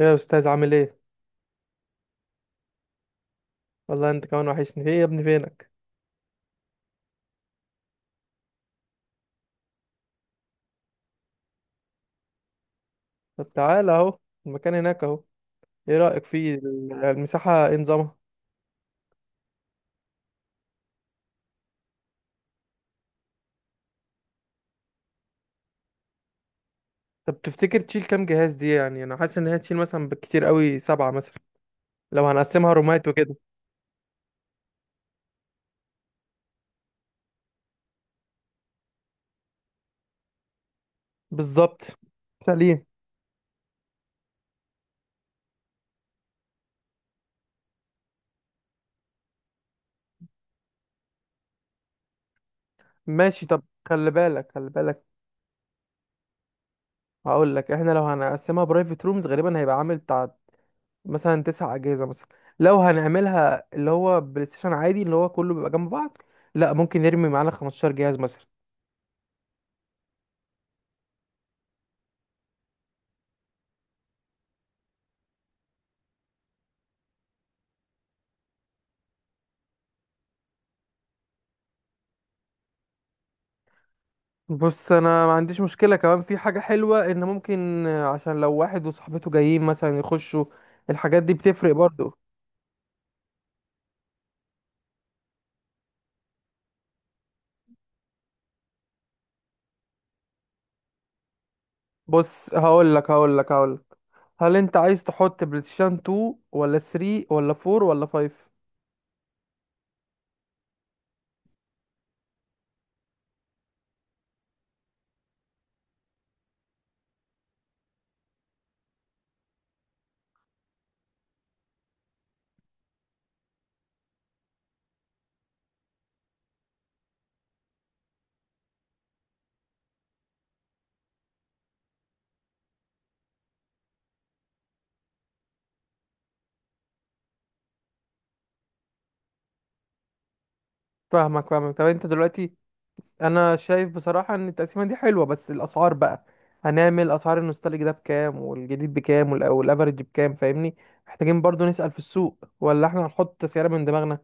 ايه يا استاذ، عامل ايه؟ والله انت كمان وحشني. ايه يا ابني فينك؟ طب تعالى اهو. المكان هناك اهو. ايه رايك فيه المساحه؟ ايه نظامها؟ طب تفتكر تشيل كام جهاز دي؟ يعني انا حاسس ان هي تشيل مثلا بالكتير قوي سبعة مثلا، لو هنقسمها رومات وكده. بالظبط. سليم. ماشي طب خلي بالك خلي بالك. هقول لك احنا لو هنقسمها برايفت رومز غالبا هيبقى عامل بتاع مثلا تسع اجهزه مثلا، لو هنعملها اللي هو بلاي ستيشن عادي اللي هو كله بيبقى جنب بعض. لا ممكن نرمي معانا 15 جهاز مثلا. بص انا ما عنديش مشكله، كمان في حاجه حلوه ان ممكن عشان لو واحد وصاحبته جايين مثلا يخشوا. الحاجات دي بتفرق برضو. بص هقول لك، هل انت عايز تحط بلايستيشن 2 ولا 3 ولا 4 ولا 5؟ فاهمك فاهمك. طب انت دلوقتي، انا شايف بصراحه ان التقسيمه دي حلوه بس الاسعار بقى، هنعمل اسعار النوستالج ده بكام والجديد بكام والافرج بكام؟ فاهمني. محتاجين برضو نسأل في السوق ولا احنا هنحط سعر من دماغنا؟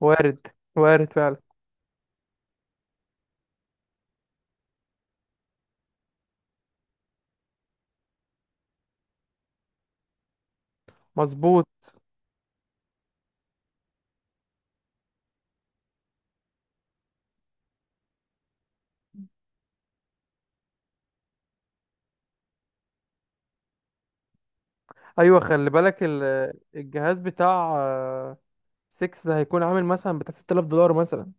وارد. وارد فعلا. مظبوط. ايوه خلي بالك الجهاز بتاع 6 ده هيكون عامل مثلا بتاع 6000 دولار مثلا.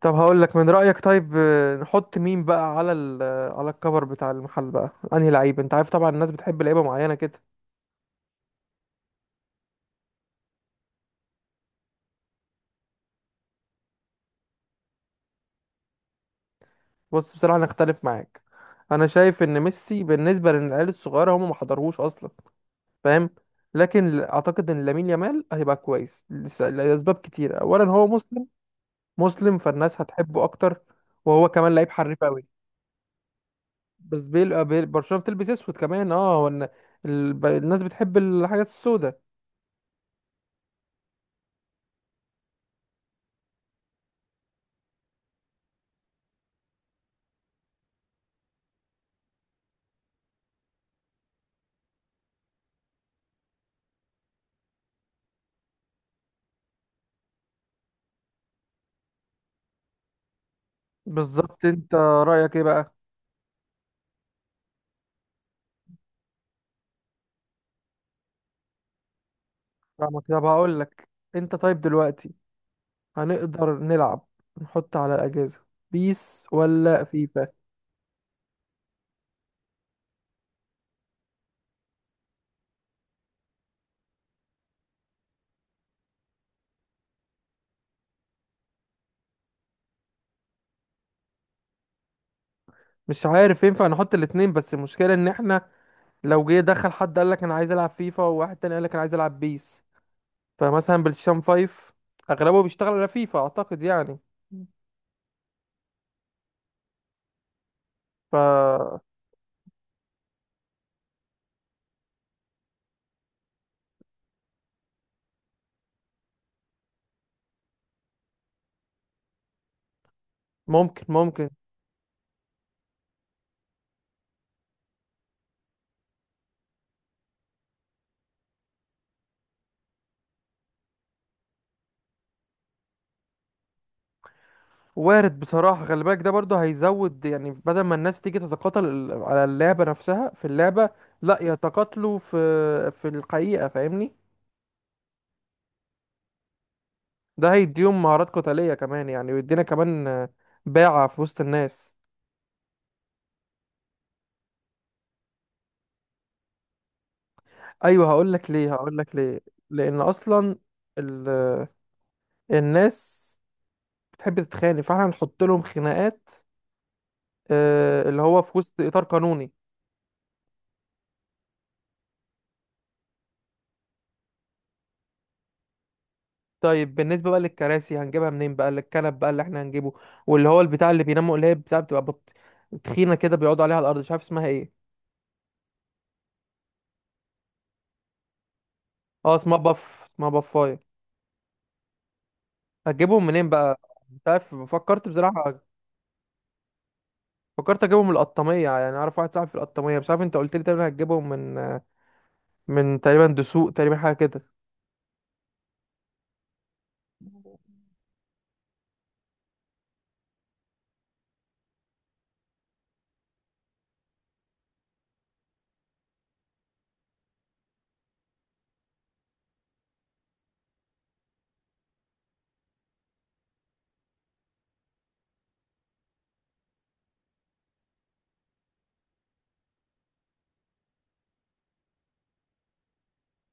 طب هقول لك من رأيك، طيب نحط مين بقى على ال، على الكفر بتاع المحل بقى انهي لعيب؟ انت عارف طبعا الناس بتحب لعيبه معينه كده. بص بصراحه انا اختلف معاك. انا شايف ان ميسي بالنسبه للعيال الصغيره هم ما حضروش اصلا، فاهم. لكن اعتقد ان لامين يامال هيبقى كويس لاسباب كتيره، اولا هو مسلم. مسلم فالناس هتحبه اكتر. وهو كمان لعيب حريف قوي. بس برشلونة بتلبس اسود كمان. اه هو إن الناس بتحب الحاجات السوداء. بالظبط. انت رأيك ايه بقى؟ فاهمك. طب هقول لك، انت طيب دلوقتي، هنقدر نلعب نحط على الأجهزة بيس ولا فيفا؟ مش عارف ينفع نحط الاتنين بس المشكلة ان احنا لو جه دخل حد قال لك انا عايز العب فيفا وواحد تاني قال لك انا عايز العب بيس. فمثلا بالشام فايف اغلبه بيشتغل على فيفا اعتقد يعني. فممكن. ممكن. وارد بصراحة. خلي بالك ده برضه هيزود، يعني بدل ما الناس تيجي تتقاتل على اللعبة نفسها في اللعبة، لا يتقاتلوا في الحقيقة. فاهمني. ده هيديهم مهارات قتالية كمان، يعني ويدينا كمان باعة في وسط الناس. أيوه هقول لك ليه، هقول لك ليه. لأن أصلا ال... الناس بتحب تتخانق، فاحنا هنحط لهم خناقات اللي هو في وسط إطار قانوني. طيب بالنسبة بقى للكراسي، هنجيبها منين بقى؟ الكنب بقى اللي احنا هنجيبه، واللي هو البتاع اللي بيناموا اللي هي بتاع بتبقى تخينة كده، بيقعدوا عليها على الأرض، مش عارف اسمها ايه. اه اسمها باف. اسمها بافاية. هتجيبهم منين بقى؟ مش عارف فكرت بصراحة. فكرت اجيبهم من القطامية، يعني اعرف واحد صاحبي في القطامية. مش عارف انت قلت لي تقريبا هتجيبهم من تقريبا دسوق تقريبا حاجة كده.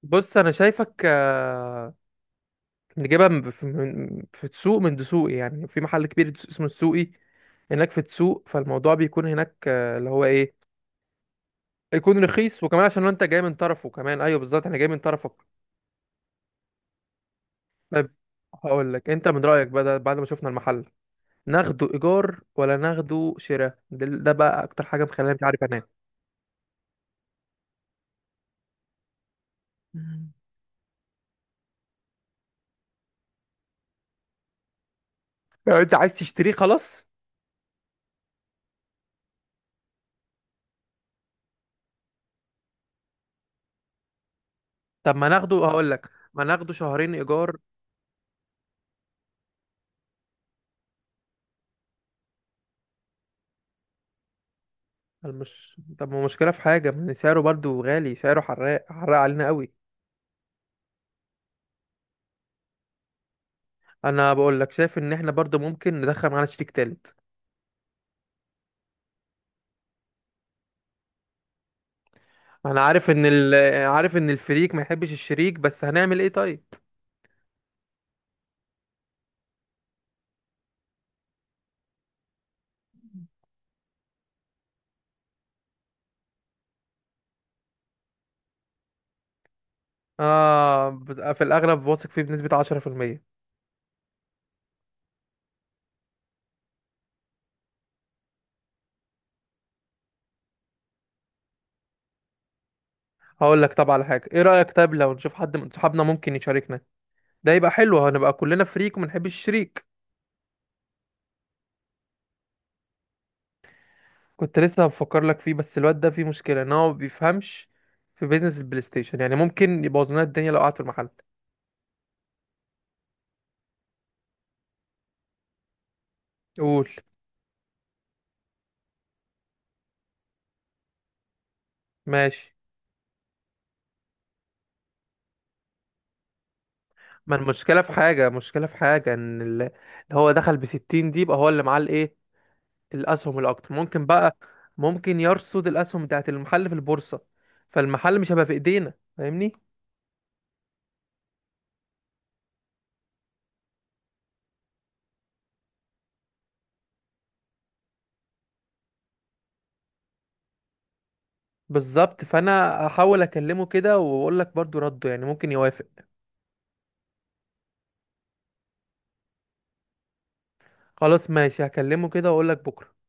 بص انا شايفك نجيبها في سوق من دسوقي، يعني في محل كبير اسمه السوقي هناك في السوق. فالموضوع بيكون هناك اللي هو ايه، يكون رخيص وكمان عشان انت جاي من طرفه كمان. ايوه بالظبط احنا جاي من طرفك. طيب هقول لك انت من رايك بقى، ده بعد ما شفنا المحل ناخده ايجار ولا ناخده شراء؟ ده بقى اكتر حاجه مخليني مش عارف انام. مم. لو انت عايز تشتريه خلاص. طب ما ناخده، هقول لك ما ناخده شهرين ايجار مش، طب ما مشكله في حاجه ان سعره برضو غالي، سعره حراق حراق علينا قوي. انا بقول لك شايف ان احنا برضو ممكن ندخل معانا شريك تالت. انا عارف ان عارف ان الفريق ما يحبش الشريك، بس هنعمل ايه طيب؟ انا في الاغلب واثق فيه بنسبة 10%. هقول لك طب على حاجة، ايه رأيك طب لو نشوف حد من صحابنا ممكن يشاركنا؟ ده يبقى حلو، هنبقى كلنا فريق وما نحبش الشريك. كنت لسه بفكر لك فيه بس الواد ده فيه مشكلة ان هو ما بيفهمش في بيزنس البلاي ستيشن، يعني ممكن يبوظ لنا الدنيا لو قعد في المحل. قول. ماشي. ما المشكلة في حاجة، المشكلة في حاجة ان اللي هو دخل بـ60 دي يبقى هو اللي معاه الايه، الاسهم الاكتر ممكن بقى، ممكن يرصد الاسهم بتاعت المحل في البورصة، فالمحل مش هيبقى في ايدينا. فاهمني. بالظبط فانا احاول اكلمه كده واقول لك برضو رده، يعني ممكن يوافق. خلاص ماشي هكلمه كده واقول لك بكره.